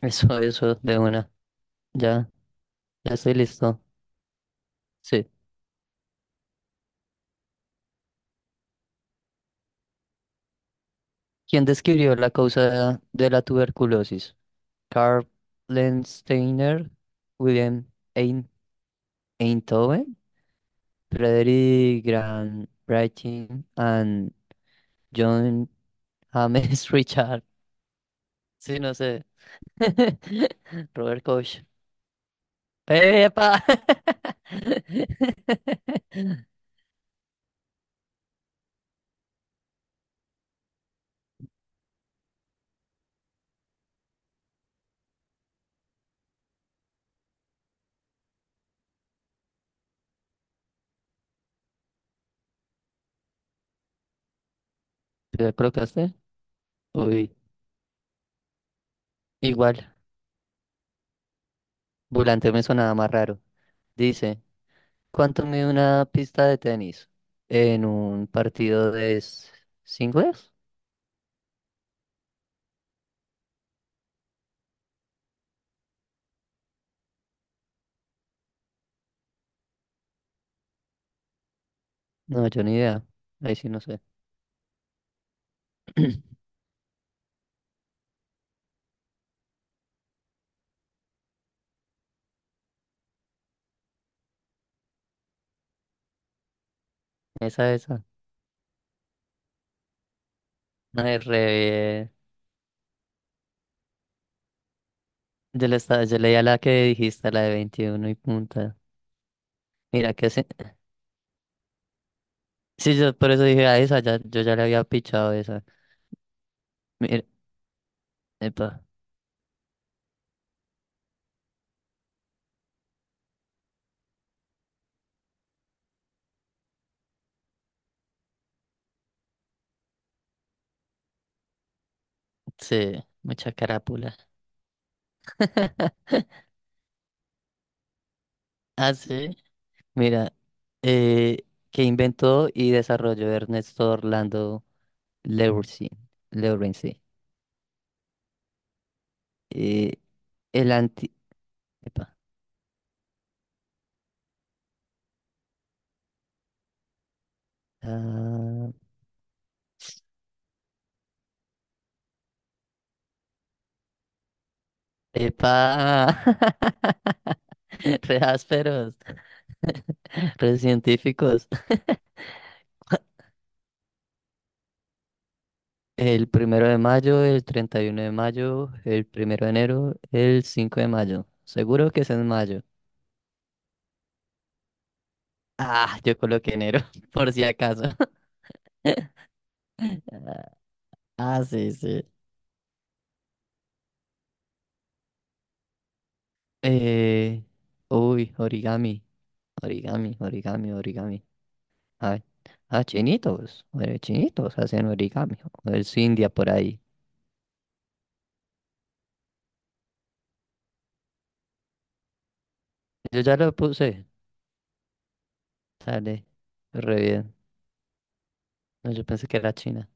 Eso, de una. Ya, ya estoy listo. Sí. ¿Quién describió la causa de la tuberculosis? Karl Steiner, William Ein- Einthoven, Frederick Grant Brightin, and John James Richard. Sí, no sé. Robert Koch. ¡Epa! ¿Te la colocaste? Uy, igual. Volante me sonaba más raro. Dice. ¿Cuánto mide una pista de tenis en un partido de singles? No, yo ni idea. Ahí sí no sé. Esa, esa. No, es re... Yo leía la que dijiste, la de 21 y punta. Mira que sí. Sí, yo por eso dije a esa, ya, yo ya le había pichado esa. Mira, epa, sí, mucha carápula. Ah, sí. Mira, eh, que inventó y desarrolló Ernesto Orlando Lewinson. Eh, el anti... Epa. Ah, epa. Re ásperos, re científicos. El primero de mayo, el 31 de mayo, el primero de enero, el 5 de mayo. Seguro que es en mayo. Ah, yo coloqué enero, por si acaso. Ah, sí, sí. Eh, uy, origami. Origami, origami, origami. Ah, ah, chinitos, chinitos hacen origami. O es India por ahí. Yo ya lo puse. Dale, re bien. No, yo pensé que era China.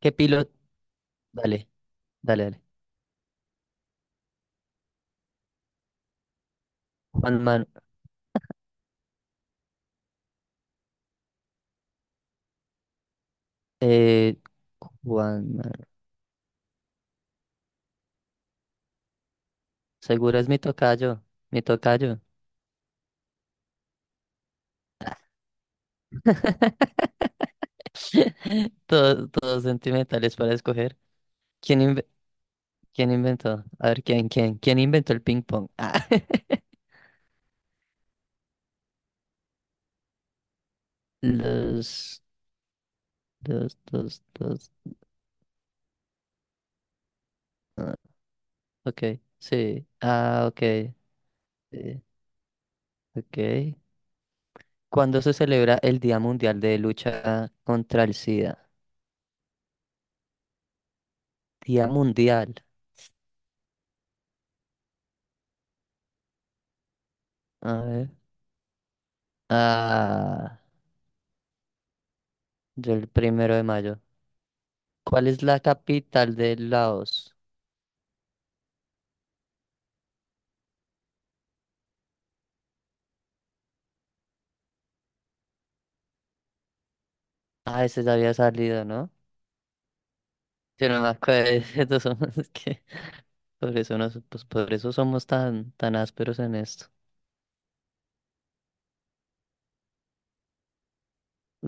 ¿Qué piloto? Dale, dale, dale. Juan Man, eh, Juan Man. Seguro es mi tocayo, mi tocayo. Todos, todos sentimentales para escoger. ¿Quién, inve- ¿Quién inventó? A ver, ¿quién, quién? ¿Quién inventó el ping pong? Ah, Los, los, los. Ah, ok, sí. Ah, ok. Sí, ok. ¿Cuándo se celebra el Día Mundial de Lucha contra el SIDA? Día Mundial. A ver. Ah, yo el primero de mayo. ¿Cuál es la capital de Laos? Ah, ese ya había salido, ¿no? Yo no me acuerdo. Es que por eso nos, pues por eso somos tan, tan ásperos en esto.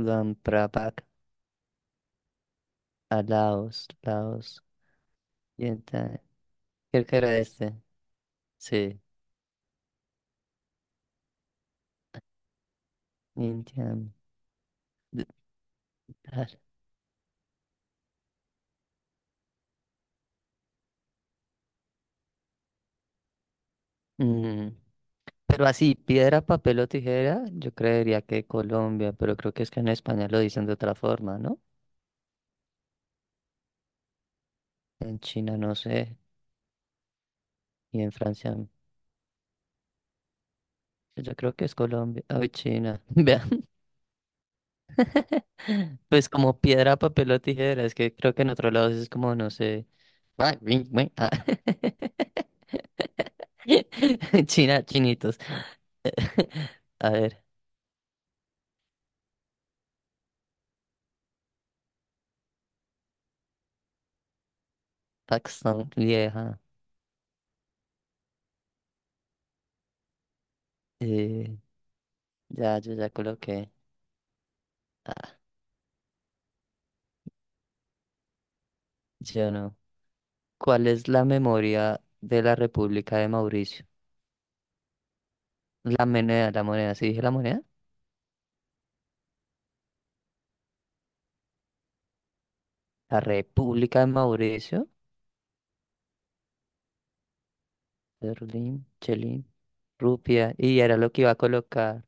Luang Prabang a Laos, Laos. Vientiane. Creo que era este. Sí. Vientiane. D- ah, Mm. Pero así, piedra, papel o tijera, yo creería que Colombia, pero creo que es que en España lo dicen de otra forma, ¿no? En China no sé, y en Francia, pues yo creo que es Colombia, ay, China, vean, pues como piedra, papel o tijera, es que creo que en otros lados es como, no sé, ay, wing, wing, ah. China, chinitos, a ver, Pakistán, vieja, eh, ya, yo ya coloqué, ah, yo no, ¿cuál es la memoria de la República de Mauricio? La moneda, sí dije la moneda. La República de Mauricio, Berlín, Chelín, Rupia. Y era lo que iba a colocar.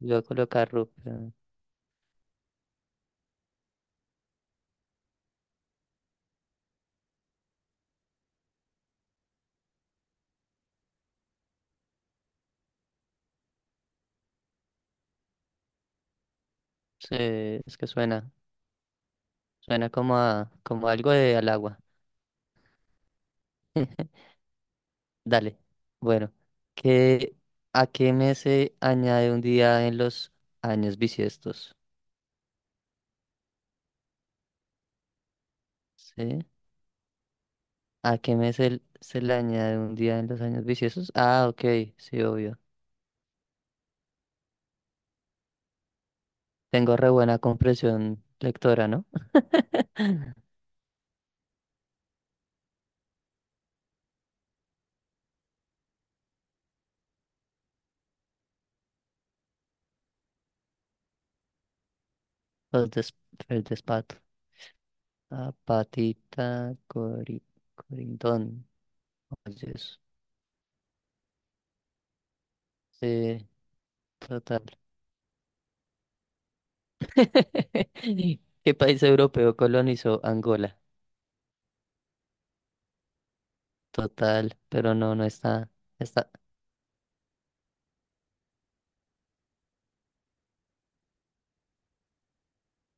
Iba a colocar Rupia. Sí, es que suena. Suena como a, como algo de al agua. Dale. Bueno, ¿qué, ¿a qué mes se añade un día en los años bisiestos? ¿Sí? ¿A qué mes se le añade un día en los años bisiestos? Ah, ok, sí, obvio. Tengo re buena comprensión lectora, ¿no? Los des- el despato. La patita cori- corindón. Oye, eso. Sí, total. ¿Qué país europeo colonizó Angola? Total, pero no, no está. Está.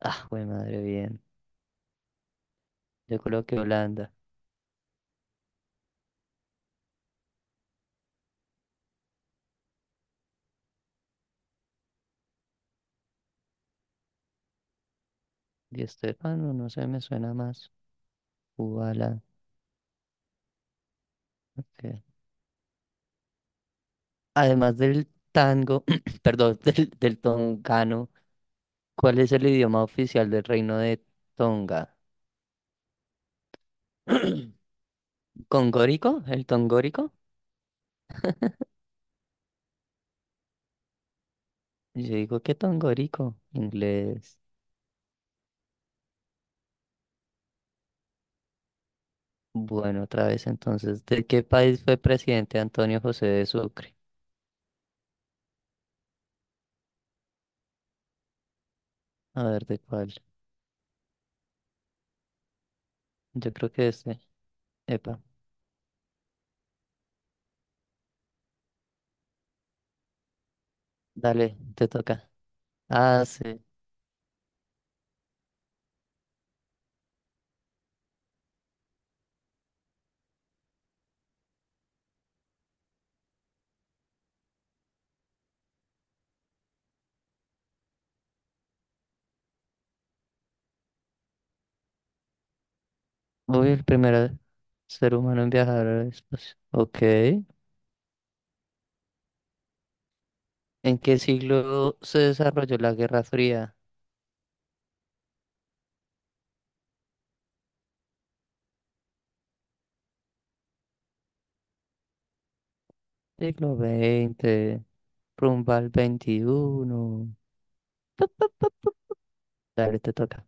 Ah, güey, madre, bien. Yo creo que Holanda. Di Estefano, no no sé, me suena más. Ubala. Ok. Además del tango, perdón, del tongano, ¿cuál es el idioma oficial del reino de Tonga? ¿Congórico? ¿El tongórico? Y yo digo, ¿qué tongorico? Inglés. Bueno, otra vez entonces, ¿de qué país fue presidente Antonio José de Sucre? A ver, ¿de cuál? Yo creo que este. Epa, dale, te toca. Ah, sí. Uy, el primer ser humano en viajar al espacio. Ok. ¿En qué siglo se desarrolló la Guerra Fría? Siglo 20 rumbo al XXI. Dale, te toca.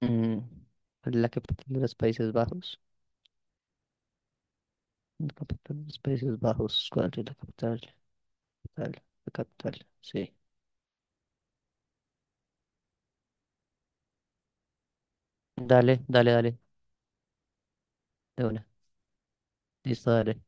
Mm, la capital de los Países Bajos. La capital de los Países Bajos. ¿Cuál es la capital? Capital, la capital. Sí. Dale, dale, dale. De una. Listo, dale.